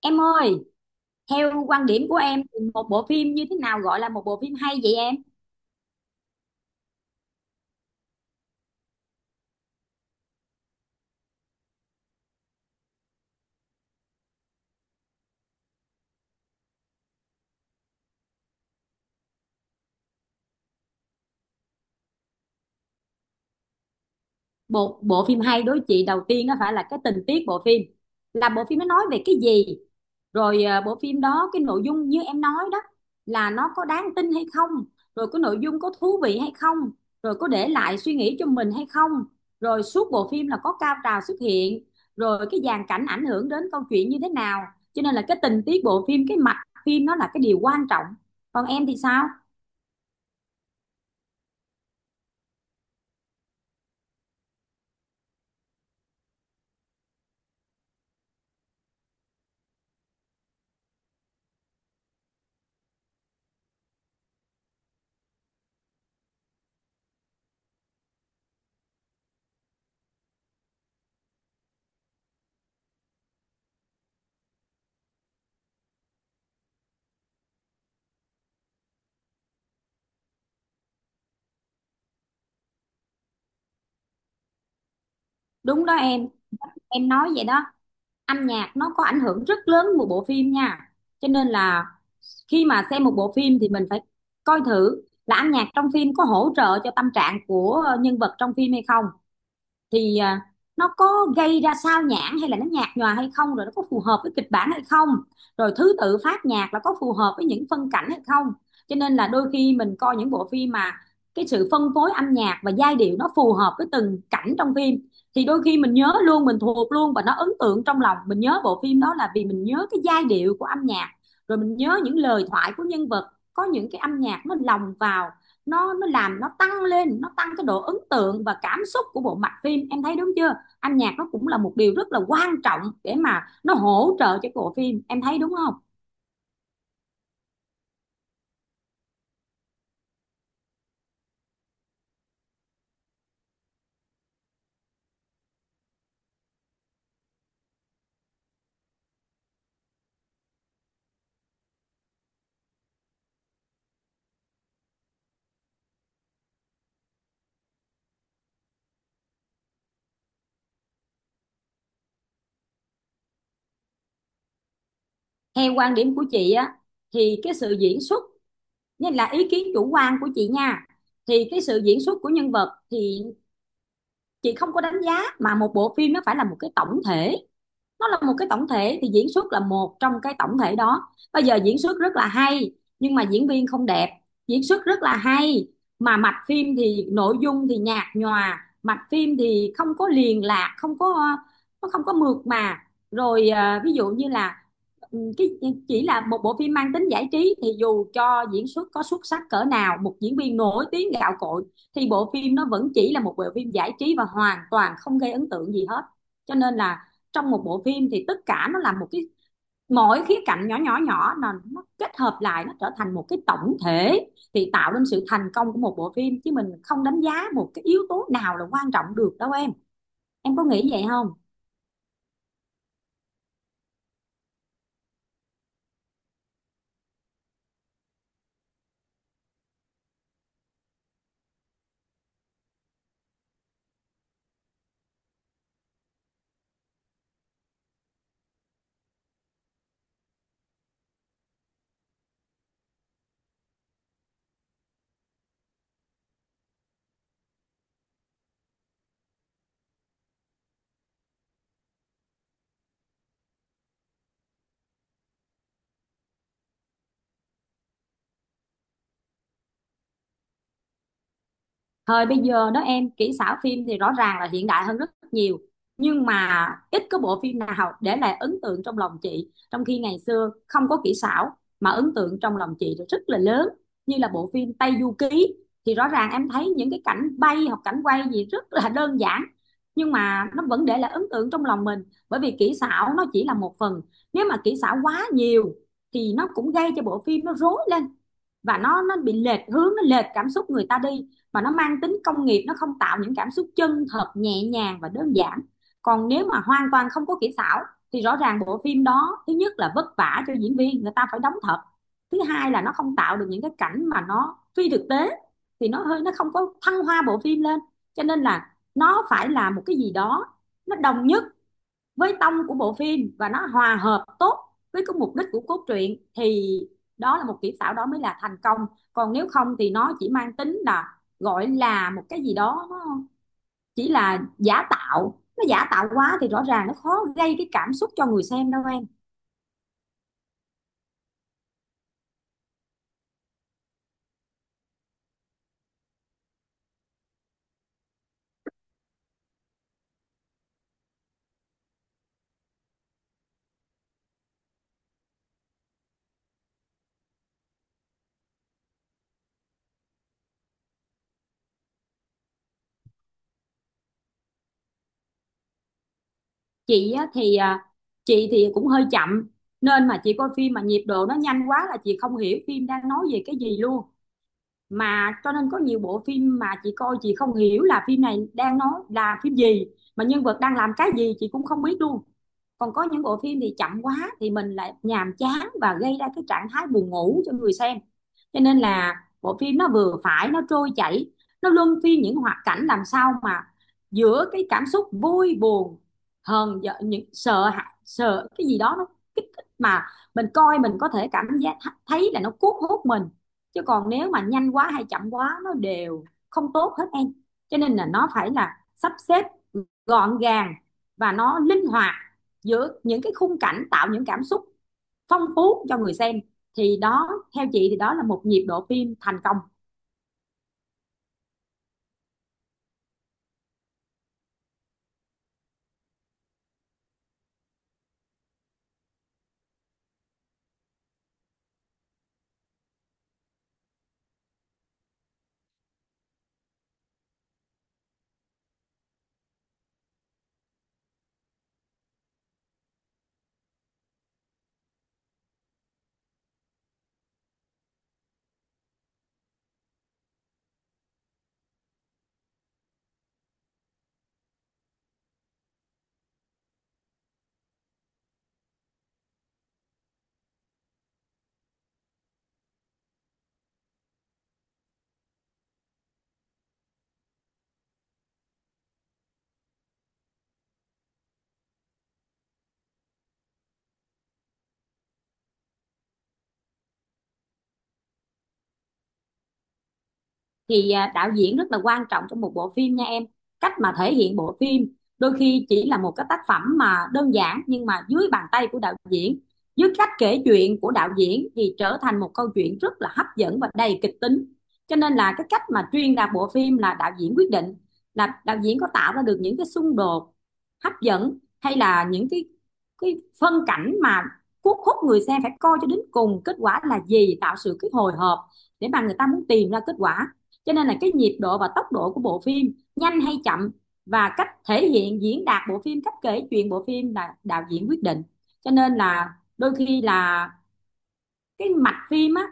Em ơi, theo quan điểm của em thì một bộ phim như thế nào gọi là một bộ phim hay vậy em? Một bộ phim hay đối với chị đầu tiên nó phải là cái tình tiết bộ phim. Là bộ phim nó nói về cái gì? Rồi bộ phim đó cái nội dung như em nói đó là nó có đáng tin hay không? Rồi cái nội dung có thú vị hay không? Rồi có để lại suy nghĩ cho mình hay không? Rồi suốt bộ phim là có cao trào xuất hiện, rồi cái dàn cảnh ảnh hưởng đến câu chuyện như thế nào? Cho nên là cái tình tiết bộ phim, cái mạch phim nó là cái điều quan trọng. Còn em thì sao? Đúng đó em nói vậy đó. Âm nhạc nó có ảnh hưởng rất lớn một bộ phim nha. Cho nên là khi mà xem một bộ phim thì mình phải coi thử là âm nhạc trong phim có hỗ trợ cho tâm trạng của nhân vật trong phim hay không, thì nó có gây ra sao nhãng hay là nó nhạt nhòa hay không, rồi nó có phù hợp với kịch bản hay không, rồi thứ tự phát nhạc là có phù hợp với những phân cảnh hay không. Cho nên là đôi khi mình coi những bộ phim mà cái sự phân phối âm nhạc và giai điệu nó phù hợp với từng cảnh trong phim thì đôi khi mình nhớ luôn, mình thuộc luôn, và nó ấn tượng trong lòng mình. Nhớ bộ phim đó là vì mình nhớ cái giai điệu của âm nhạc, rồi mình nhớ những lời thoại của nhân vật có những cái âm nhạc nó lồng vào. Nó làm nó tăng lên, nó tăng cái độ ấn tượng và cảm xúc của bộ mạch phim, em thấy đúng chưa? Âm nhạc nó cũng là một điều rất là quan trọng để mà nó hỗ trợ cho bộ phim, em thấy đúng không? Theo quan điểm của chị á, thì cái sự diễn xuất, nên là ý kiến chủ quan của chị nha, thì cái sự diễn xuất của nhân vật thì chị không có đánh giá, mà một bộ phim nó phải là một cái tổng thể. Nó là một cái tổng thể thì diễn xuất là một trong cái tổng thể đó. Bây giờ diễn xuất rất là hay nhưng mà diễn viên không đẹp, diễn xuất rất là hay mà mạch phim thì nội dung thì nhạt nhòa, mạch phim thì không có liền lạc, không có, nó không có mượt mà. Rồi ví dụ như là ừ, cái chỉ là một bộ phim mang tính giải trí thì dù cho diễn xuất có xuất sắc cỡ nào, một diễn viên nổi tiếng gạo cội, thì bộ phim nó vẫn chỉ là một bộ phim giải trí và hoàn toàn không gây ấn tượng gì hết. Cho nên là trong một bộ phim thì tất cả nó là một cái, mỗi khía cạnh nhỏ nhỏ nhỏ là nó kết hợp lại nó trở thành một cái tổng thể thì tạo nên sự thành công của một bộ phim, chứ mình không đánh giá một cái yếu tố nào là quan trọng được đâu em. Em có nghĩ vậy không? Thời bây giờ đó em, kỹ xảo phim thì rõ ràng là hiện đại hơn rất nhiều, nhưng mà ít có bộ phim nào để lại ấn tượng trong lòng chị, trong khi ngày xưa không có kỹ xảo mà ấn tượng trong lòng chị rất là lớn, như là bộ phim Tây Du Ký. Thì rõ ràng em thấy những cái cảnh bay hoặc cảnh quay gì rất là đơn giản, nhưng mà nó vẫn để lại ấn tượng trong lòng mình. Bởi vì kỹ xảo nó chỉ là một phần, nếu mà kỹ xảo quá nhiều thì nó cũng gây cho bộ phim nó rối lên, và nó bị lệch hướng, nó lệch cảm xúc người ta đi, mà nó mang tính công nghiệp, nó không tạo những cảm xúc chân thật nhẹ nhàng và đơn giản. Còn nếu mà hoàn toàn không có kỹ xảo thì rõ ràng bộ phim đó, thứ nhất là vất vả cho diễn viên, người ta phải đóng thật, thứ hai là nó không tạo được những cái cảnh mà nó phi thực tế, thì nó hơi, nó không có thăng hoa bộ phim lên. Cho nên là nó phải là một cái gì đó nó đồng nhất với tông của bộ phim và nó hòa hợp tốt với cái mục đích của cốt truyện, thì đó là một kỹ xảo, đó mới là thành công. Còn nếu không thì nó chỉ mang tính là gọi là một cái gì đó nó chỉ là giả tạo, nó giả tạo quá thì rõ ràng nó khó gây cái cảm xúc cho người xem đâu em. Chị thì à, chị thì cũng hơi chậm, nên mà chị coi phim mà nhịp độ nó nhanh quá là chị không hiểu phim đang nói về cái gì luôn. Mà cho nên có nhiều bộ phim mà chị coi chị không hiểu là phim này đang nói là phim gì, mà nhân vật đang làm cái gì chị cũng không biết luôn. Còn có những bộ phim thì chậm quá thì mình lại nhàm chán và gây ra cái trạng thái buồn ngủ cho người xem. Cho nên là bộ phim nó vừa phải, nó trôi chảy, nó luân phiên những hoạt cảnh, làm sao mà giữa cái cảm xúc vui buồn, hờn giận, những sợ sợ cái gì đó nó kích thích, mà mình coi mình có thể cảm giác thấy là nó cuốn hút mình. Chứ còn nếu mà nhanh quá hay chậm quá nó đều không tốt hết em. Cho nên là nó phải là sắp xếp gọn gàng và nó linh hoạt giữa những cái khung cảnh, tạo những cảm xúc phong phú cho người xem, thì đó, theo chị thì đó là một nhịp độ phim thành công. Thì đạo diễn rất là quan trọng trong một bộ phim nha em. Cách mà thể hiện bộ phim đôi khi chỉ là một cái tác phẩm mà đơn giản, nhưng mà dưới bàn tay của đạo diễn, dưới cách kể chuyện của đạo diễn thì trở thành một câu chuyện rất là hấp dẫn và đầy kịch tính. Cho nên là cái cách mà truyền đạt bộ phim là đạo diễn quyết định, là đạo diễn có tạo ra được những cái xung đột hấp dẫn hay là những cái phân cảnh mà cuốn hút người xem phải coi cho đến cùng kết quả là gì, tạo sự cái hồi hộp để mà người ta muốn tìm ra kết quả. Cho nên là cái nhịp độ và tốc độ của bộ phim nhanh hay chậm và cách thể hiện diễn đạt bộ phim, cách kể chuyện bộ phim là đạo diễn quyết định. Cho nên là đôi khi là cái mạch phim á,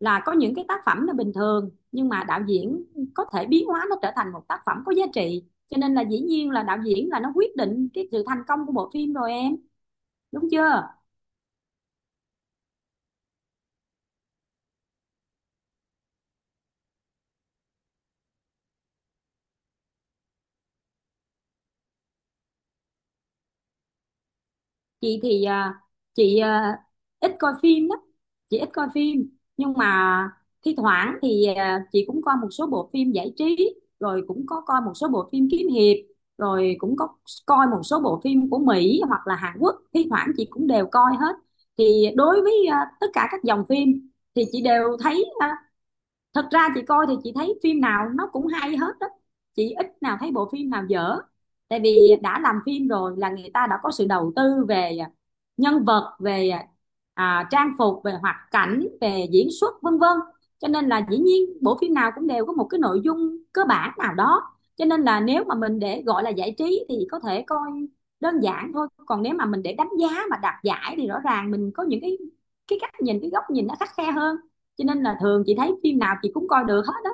là có những cái tác phẩm là bình thường nhưng mà đạo diễn có thể biến hóa nó trở thành một tác phẩm có giá trị. Cho nên là dĩ nhiên là đạo diễn là nó quyết định cái sự thành công của bộ phim rồi em, đúng chưa? Chị thì à, chị à, ít coi phim lắm, chị ít coi phim, nhưng mà thi thoảng thì chị cũng coi một số bộ phim giải trí, rồi cũng có coi một số bộ phim kiếm hiệp, rồi cũng có coi một số bộ phim của Mỹ hoặc là Hàn Quốc, thi thoảng chị cũng đều coi hết. Thì đối với tất cả các dòng phim thì chị đều thấy thật ra chị coi thì chị thấy phim nào nó cũng hay hết đó, chị ít nào thấy bộ phim nào dở. Tại vì đã làm phim rồi là người ta đã có sự đầu tư về nhân vật, về trang phục, về hoạt cảnh, về diễn xuất, vân vân. Cho nên là dĩ nhiên bộ phim nào cũng đều có một cái nội dung cơ bản nào đó. Cho nên là nếu mà mình để gọi là giải trí thì có thể coi đơn giản thôi, còn nếu mà mình để đánh giá mà đạt giải thì rõ ràng mình có những cái cách nhìn, cái góc nhìn nó khắt khe hơn. Cho nên là thường chị thấy phim nào chị cũng coi được hết đó.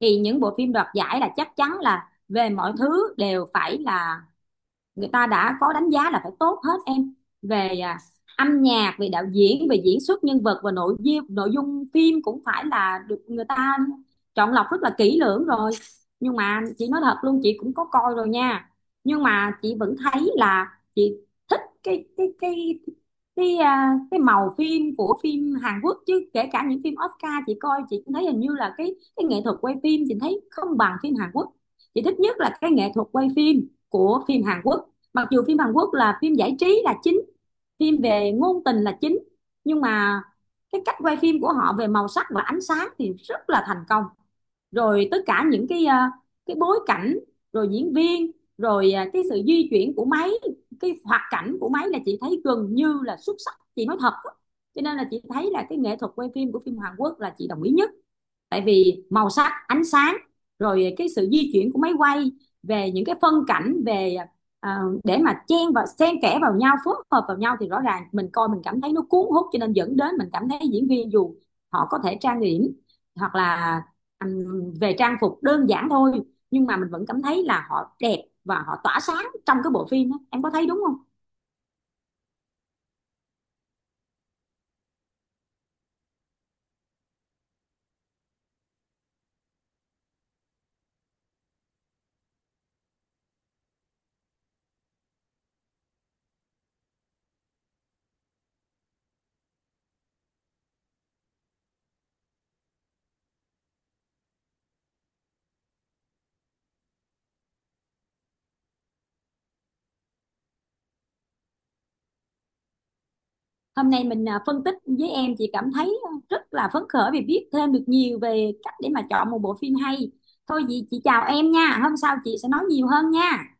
Thì những bộ phim đoạt giải là chắc chắn là về mọi thứ đều phải là người ta đã có đánh giá là phải tốt hết em, về âm nhạc, về đạo diễn, về diễn xuất, nhân vật, và nội dung. Nội dung phim cũng phải là được người ta chọn lọc rất là kỹ lưỡng rồi. Nhưng mà chị nói thật luôn, chị cũng có coi rồi nha, nhưng mà chị vẫn thấy là chị thích cái màu phim của phim Hàn Quốc. Chứ kể cả những phim Oscar chị coi chị cũng thấy hình như là cái nghệ thuật quay phim chị thấy không bằng phim Hàn Quốc. Chị thích nhất là cái nghệ thuật quay phim của phim Hàn Quốc, mặc dù phim Hàn Quốc là phim giải trí là chính, phim về ngôn tình là chính, nhưng mà cái cách quay phim của họ về màu sắc và ánh sáng thì rất là thành công. Rồi tất cả những cái cái bối cảnh, rồi diễn viên, rồi cái sự di chuyển của máy, cái hoạt cảnh của máy, là chị thấy gần như là xuất sắc, chị nói thật á. Cho nên là chị thấy là cái nghệ thuật quay phim của phim Hàn Quốc là chị đồng ý nhất. Tại vì màu sắc, ánh sáng, rồi cái sự di chuyển của máy quay về những cái phân cảnh, về để mà chen và xen kẽ vào nhau, phối hợp vào nhau, thì rõ ràng mình coi mình cảm thấy nó cuốn hút, cho nên dẫn đến mình cảm thấy diễn viên dù họ có thể trang điểm hoặc là về trang phục đơn giản thôi, nhưng mà mình vẫn cảm thấy là họ đẹp và họ tỏa sáng trong cái bộ phim đó. Em có thấy đúng không? Hôm nay mình phân tích với em, chị cảm thấy rất là phấn khởi vì biết thêm được nhiều về cách để mà chọn một bộ phim hay. Thôi chị chào em nha, hôm sau chị sẽ nói nhiều hơn nha.